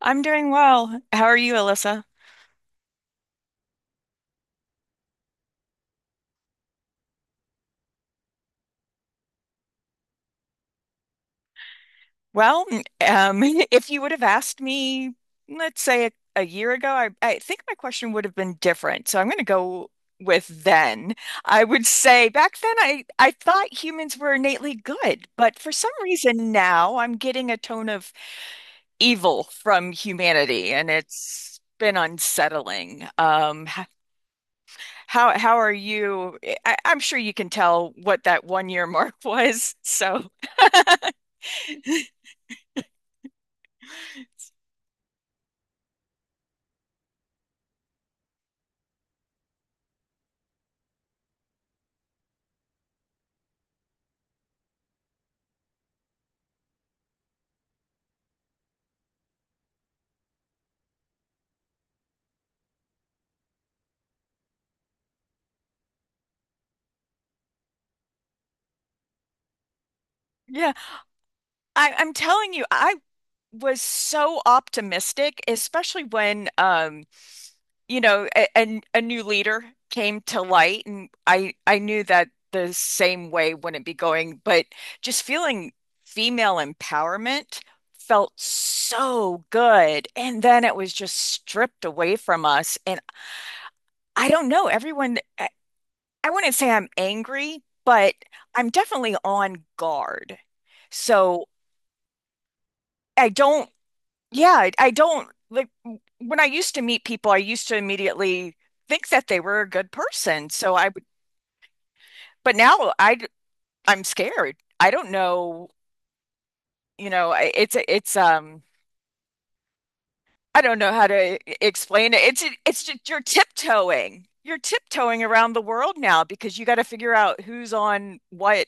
I'm doing well. How are you, Alyssa? Well, um, if you would have asked me, let's say a year ago, I think my question would have been different. So I'm going to go with then. I would say back then I thought humans were innately good, but for some reason now I'm getting a tone of evil from humanity, and it's been unsettling. How are you? I'm sure you can tell what that one year mark was. So. Yeah. I'm telling you, I was so optimistic, especially when a new leader came to light, and I knew that the same way wouldn't be going, but just feeling female empowerment felt so good, and then it was just stripped away from us. And I don't know, everyone, I wouldn't say I'm angry, but I'm definitely on guard, so. I don't Yeah, I don't like when I used to meet people, I used to immediately think that they were a good person. So I would. But now I'm scared. I don't know. You know, I- it's I don't know how to explain it. It's just you're tiptoeing. You're tiptoeing around the world now because you got to figure out who's on what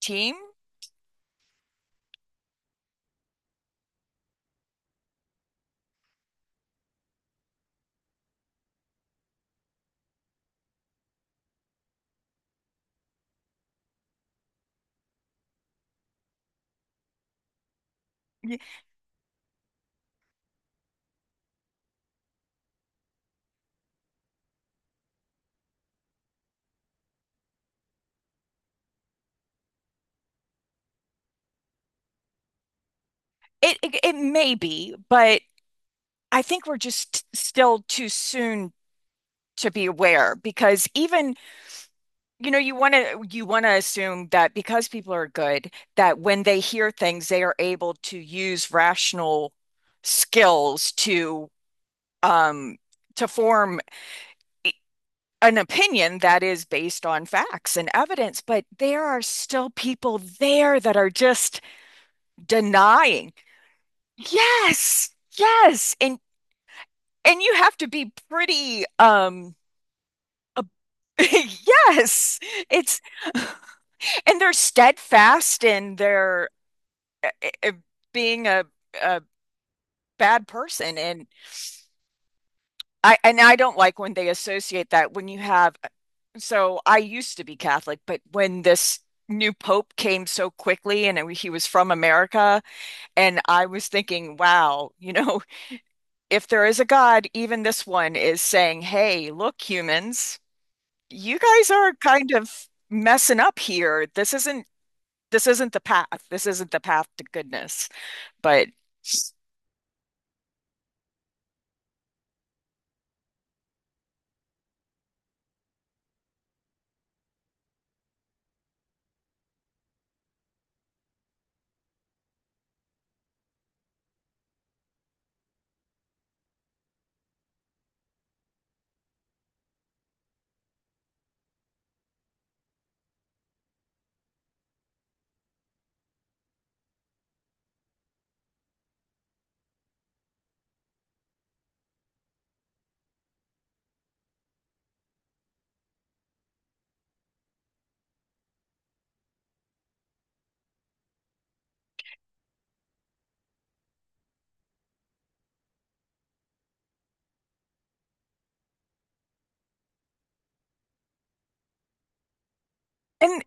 team. Y- it may be, but I think we're just still too soon to be aware, because even. You know, you want to assume that because people are good, that when they hear things, they are able to use rational skills to um to form i- an opinion that is based on facts and evidence, but there are still people there that are just denying. Yes. Yes. And you have to be pretty ab- yes. It's, and they're steadfast in their uh, uh, being a bad person. And I don't like when they associate that, when you have. So I used to be Catholic, but when this new pope came so quickly and he was from America, and I was thinking, wow, you know, if there is a God, even this one is saying, hey, look, humans, you guys are kind of messing up here. This isn't the path to goodness. But and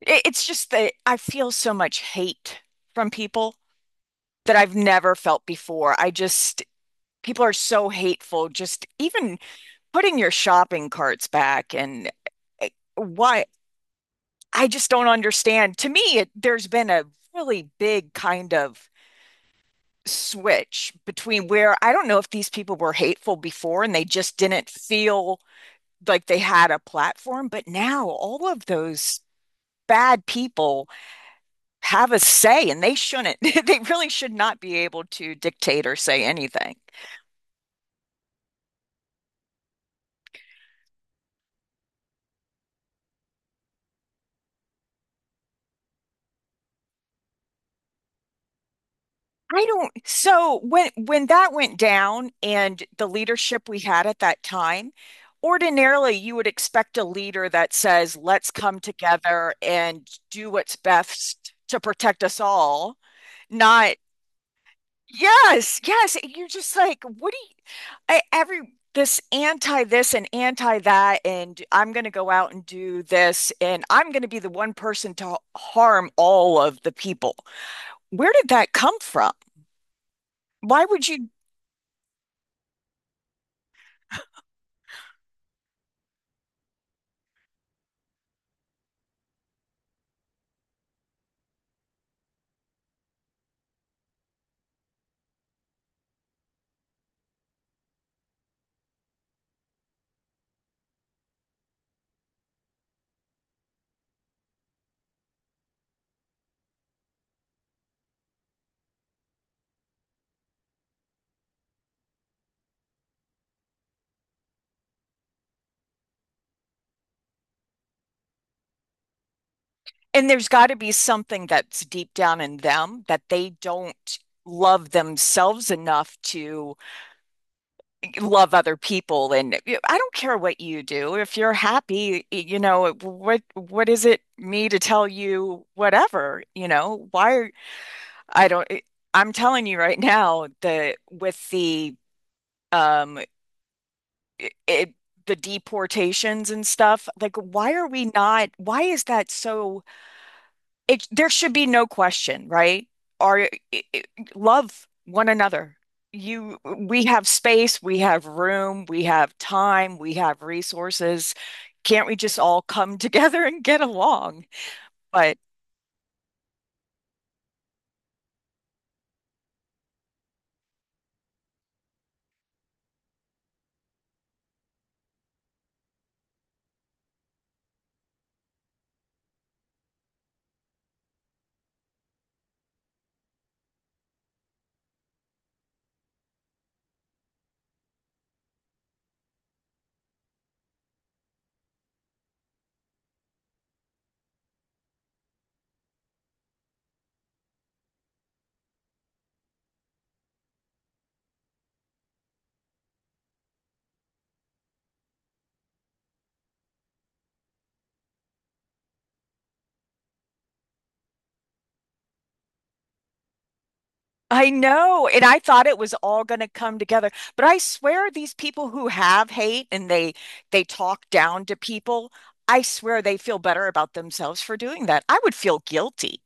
It's just that I feel so much hate from people that I've never felt before. I just, people are so hateful, just even putting your shopping carts back, and eh, why, I just don't understand. To me, there's been a really big kind of switch, between where I don't know if these people were hateful before and they just didn't feel like they had a platform, but now all of those bad people have a say, and they shouldn't. They really should not be able to dictate or say anything. I don't, so when that went down and the leadership we had at that time, ordinarily you would expect a leader that says, let's come together and do what's best to protect us all. Not. Yes, yes. You're just like, what do? I, every, this anti this and anti that, and I'm going to go out and do this, and I'm going to be the one person to harm all of the people. Where did that come from? Why would you? And there's got to be something that's deep down in them that they don't love themselves enough to love other people. And I don't care what you do. If you're happy, you know, what is it me to tell you whatever, you know? Why are I don't, I'm telling you right now that with the um i- it, the deportations and stuff, like why are we not, why is that so it, there should be no question, right? Are i- i- Love one another. You we have space, we have room, we have time, we have resources. Can't we just all come together and get along? But I know, and I thought it was all going to come together, but I swear these people who have hate, and they talk down to people, I swear they feel better about themselves for doing that. I would feel guilty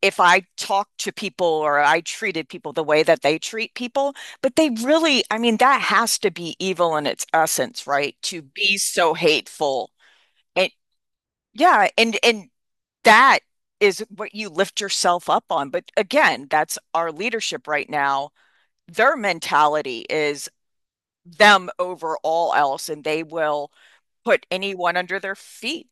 if I talked to people, or I treated people the way that they treat people. But they really, I mean, that has to be evil in its essence, right? To be so hateful. And yeah, and that is what you lift yourself up on. But again, that's our leadership right now. Their mentality is them over all else, and they will put anyone under their feet.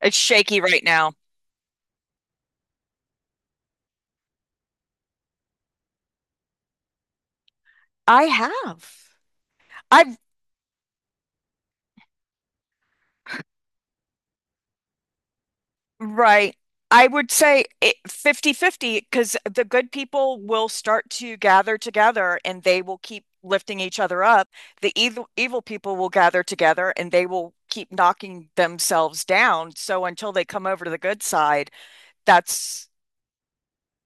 It's shaky right now. I have. I've, right. I would say it, 50-50, because the good people will start to gather together and they will keep lifting each other up. The evil people will gather together and they will keep knocking themselves down. So until they come over to the good side, that's,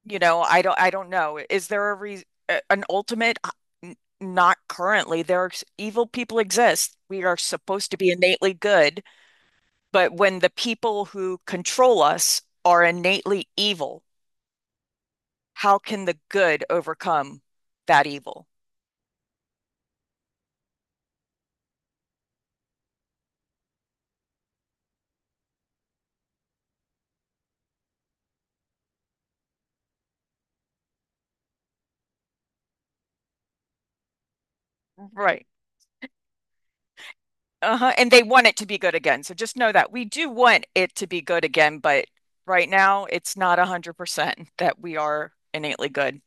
you know, I don't know. Is there a re an ultimate? Not currently. There are evil people exist. We are supposed to be innately good, but when the people who control us are innately evil, how can the good overcome that evil? Right. Uh-huh. And they want it to be good again. So just know that we do want it to be good again, but right now it's not 100% that we are innately good.